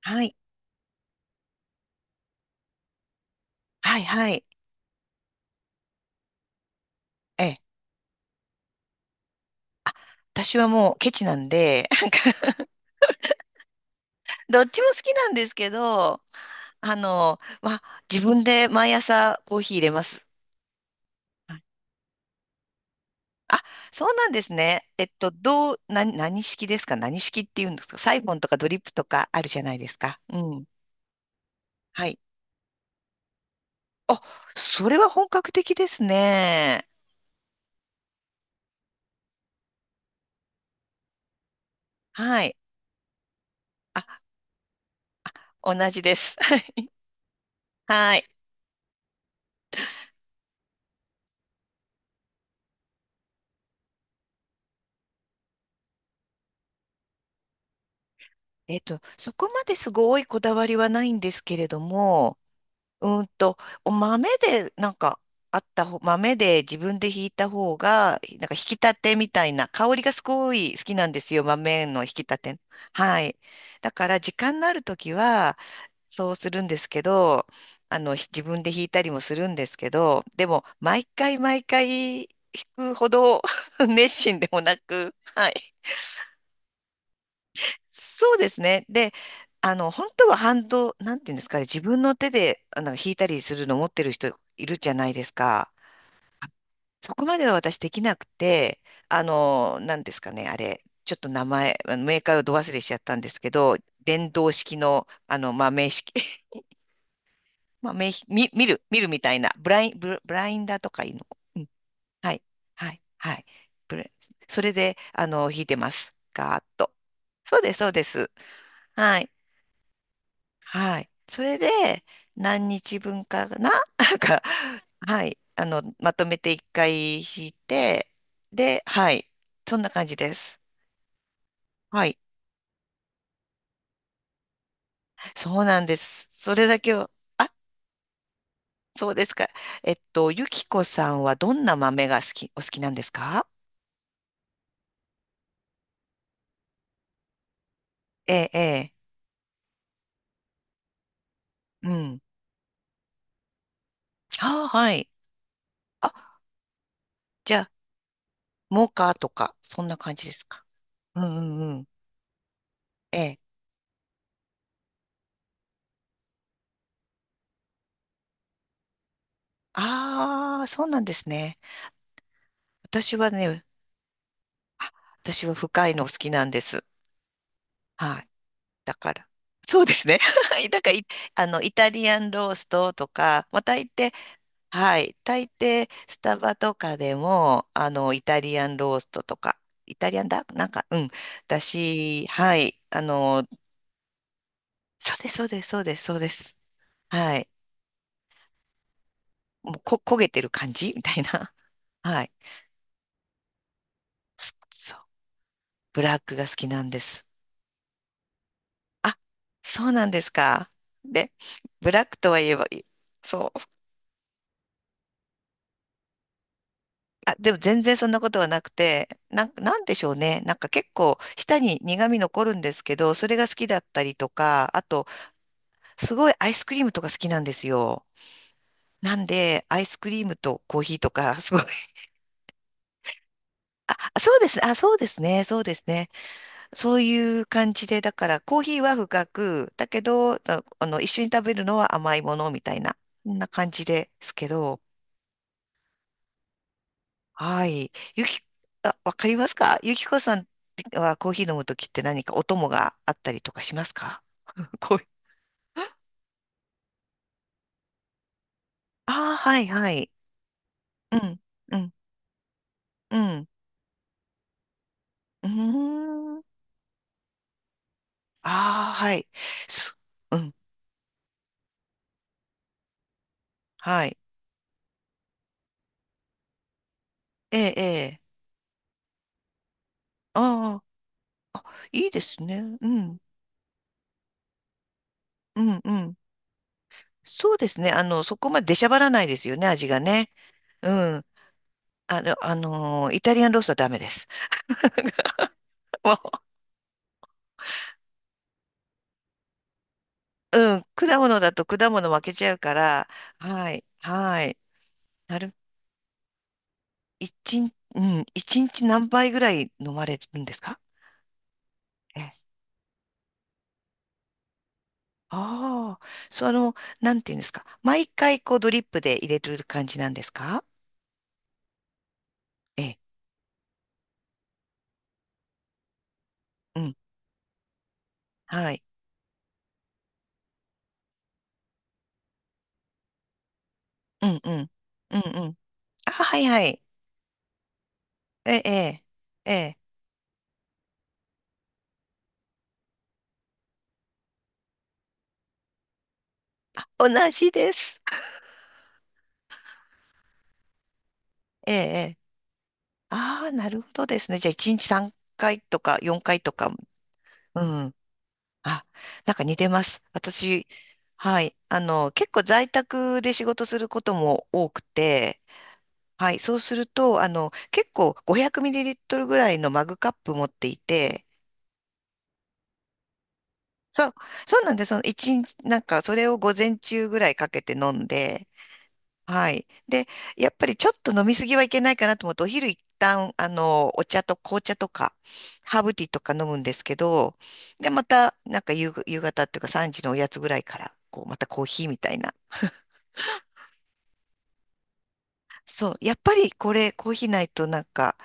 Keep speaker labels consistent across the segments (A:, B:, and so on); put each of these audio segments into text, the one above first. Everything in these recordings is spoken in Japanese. A: はい。はいはい。ええ。私はもうケチなんで、なんか どっちも好きなんですけど、まあ、自分で毎朝コーヒー入れます。はい。あ、そうなんですね。どう、な、何式ですか？何式っていうんですか？サイフォンとかドリップとかあるじゃないですか。うん。はい。あ、それは本格的ですね。はい。あ、同じです。はい。そこまですごいこだわりはないんですけれども、うーんと、お豆で、なんか、あった方、豆で自分でひいた方が、なんか引き立てみたいな、香りがすごい好きなんですよ、豆の引き立て。はい。だから、時間のあるときは、そうするんですけど、自分で引いたりもするんですけど、でも、毎回毎回引くほど 熱心でもなく、はい。そうですね。で、本当はハンド、なんていうんですかね、自分の手で、弾いたりするの持ってる人いるじゃないですか。そこまでは私できなくて、なんですかね、あれ、ちょっと名前、あのメーカーをど忘れしちゃったんですけど、電動式の、まあ、名式、まあ、見るみたいな、ブラインダーとかいうの。うん。はい、はい、はい。ブレそれで、弾いてます。ガーッと。そうです、そうです。はい。はい。それで、何日分かな なんか、はい。まとめて一回引いて、で、はい。そんな感じです。はい。そうなんです。それだけを、あ、そうですか。ゆきこさんはどんな豆がお好きなんですか？ええ、ええ。うん。ああ、はい。あ、じゃあ、モカとか、そんな感じですか？うんうんうん。ええ。ああ、そうなんですね。私はね、あ、私は深いの好きなんです。はい。だから。そうですね。はい。だから、いあの、イタリアンローストとか、まあ、大抵、はい。大抵、スタバとかでも、イタリアンローストとか、イタリアンだなんか、うん。だし、はい。そうです、そうです、そうです、そうです。はい。もう、焦げてる感じみたいな。はい。すそう。ブラックが好きなんです。あ、そうなんですか。で、ブラックとは言えば、いそう。あ、でも全然そんなことはなくて、なんでしょうね。なんか結構舌に苦味残るんですけど、それが好きだったりとか、あと、すごいアイスクリームとか好きなんですよ。なんで、アイスクリームとコーヒーとか、すごい。あ、そうです。あ、そうですね。そうですね。そういう感じで、だからコーヒーは深く、だけど、一緒に食べるのは甘いものみたいな、そんな感じですけど、はい。ゆき、あ、わかりますか？ゆきこさんはコーヒー飲むときって何かお供があったりとかしますか？ こう、ああ、はい、はい。うん、うん、うん。うーん。ああ、はい。す、うん、はい。ええ、ええ。ああ、いいですね。うん、うん、うん。そうですね。そこまで出しゃばらないですよね、味がね。うん。イタリアンロースはダメです。うん、果物だと果物負けちゃうから、はい、はい。なる、一日、うん、一日何杯ぐらい飲まれるんですか？ええ。ああ、なんていうんですか。毎回こうドリップで入れてる感じなんですか？ええ、うん、はい。うん、うん、うん、うん。あ、はいはい。ええ、ええ、ええ同じです。ええ、ええ。ああ、なるほどですね。じゃあ一日3回とか4回とか、うん。あ、なんか似てます。私、はい。結構在宅で仕事することも多くて、はい。そうすると、結構 500ml ぐらいのマグカップ持っていて、そう、そうなんです。その一日、なんかそれを午前中ぐらいかけて飲んで、はい。で、やっぱりちょっと飲みすぎはいけないかなと思って、お昼一旦、お茶と紅茶とか、ハーブティーとか飲むんですけど、で、また、なんか夕方っていうか3時のおやつぐらいから、こう、またコーヒーみたいな。そう。やっぱりこれ、コーヒーないとなんか、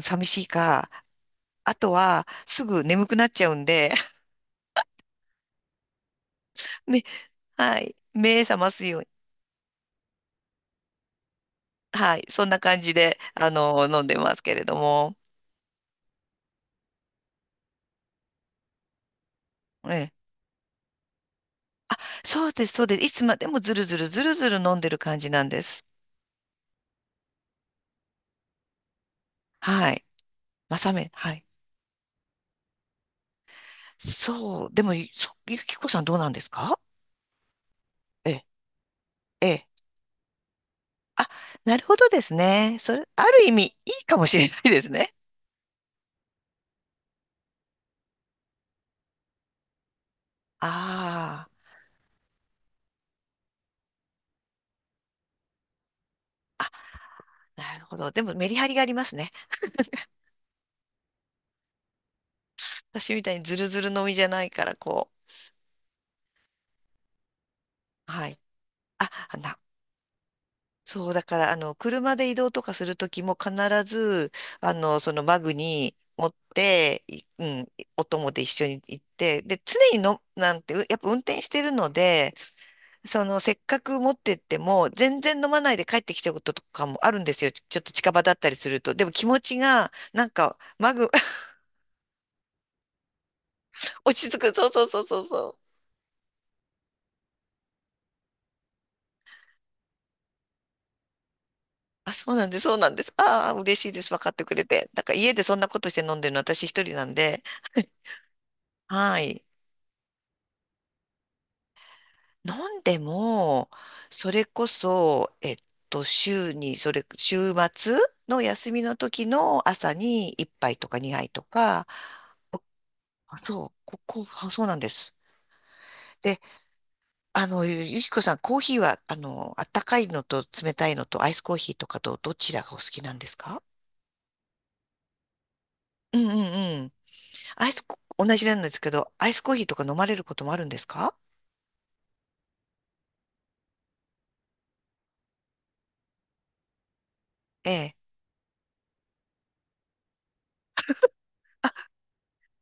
A: 寂しいか、あとは、すぐ眠くなっちゃうんで、め、はい。目覚ますように。はい。そんな感じで、飲んでますけれども。ええ。そうです、そうです。いつまでもずるずるずるずる飲んでる感じなんです。はい。はい。そう。でも、ゆきこさんどうなんですか？ええ、ええ。あ、なるほどですね。それ、ある意味、いいかもしれないですね。ああ、なるほど。でも、メリハリがありますね。私みたいにズルズルのみじゃないから、こう。はい。あ、そう、だから、車で移動とかするときも必ず、そのバッグに持って、いうん、お供で一緒に行って、で、常にの、なんて、うやっぱ運転してるので、せっかく持ってっても、全然飲まないで帰ってきちゃうこととかもあるんですよ。ちょっと近場だったりすると。でも気持ちが、なんか、マグ、落ち着く。そうそうそうそうそう。あ、そうなんです、そうなんです。ああ、嬉しいです。分かってくれて。だから家でそんなことして飲んでるの私一人なんで。はい。飲んでも、それこそ、週に、それ、週末の休みの時の朝に一杯とか二杯とか、あそう、あそうなんです。でゆきこさん、コーヒーは、あったかいのと冷たいのとアイスコーヒーとかとどちらがお好きなんですか？うんうんうん。アイスコ、同じなんですけど、アイスコーヒーとか飲まれることもあるんですか？ええ。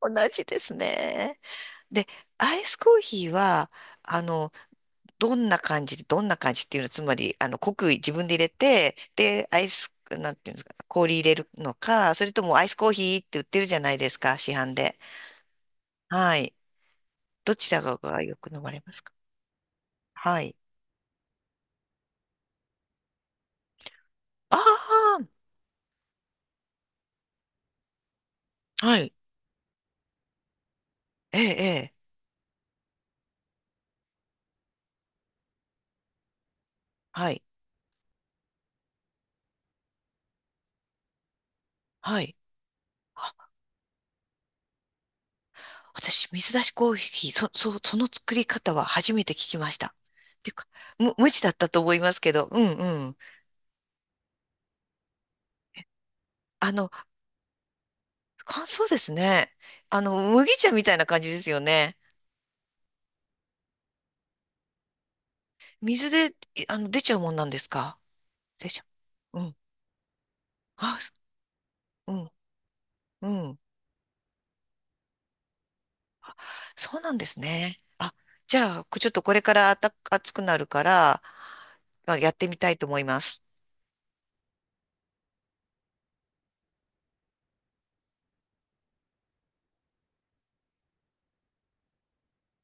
A: 同じですね。で、アイスコーヒーは、あの、どんな感じで、どんな感じっていうのは、つまり、濃く自分で入れて、で、アイス、なんていうんですか、氷入れるのか、それともアイスコーヒーって売ってるじゃないですか、市販で。はい。どちらがよく飲まれますか？はい。ああ、はい。ええ、ええ、はい、はい。あ、私、水出しコーヒー、その作り方は初めて聞きました。っていうか、無知だったと思いますけど、うんうん。あの、乾燥ですね。麦茶みたいな感じですよね。水で、いあの、出ちゃうもんなんですか？出ちゃう。うん。あ、すうん、うん。そうなんですね。あ、じゃあ、ちょっとこれから暑くなるから、まあやってみたいと思います。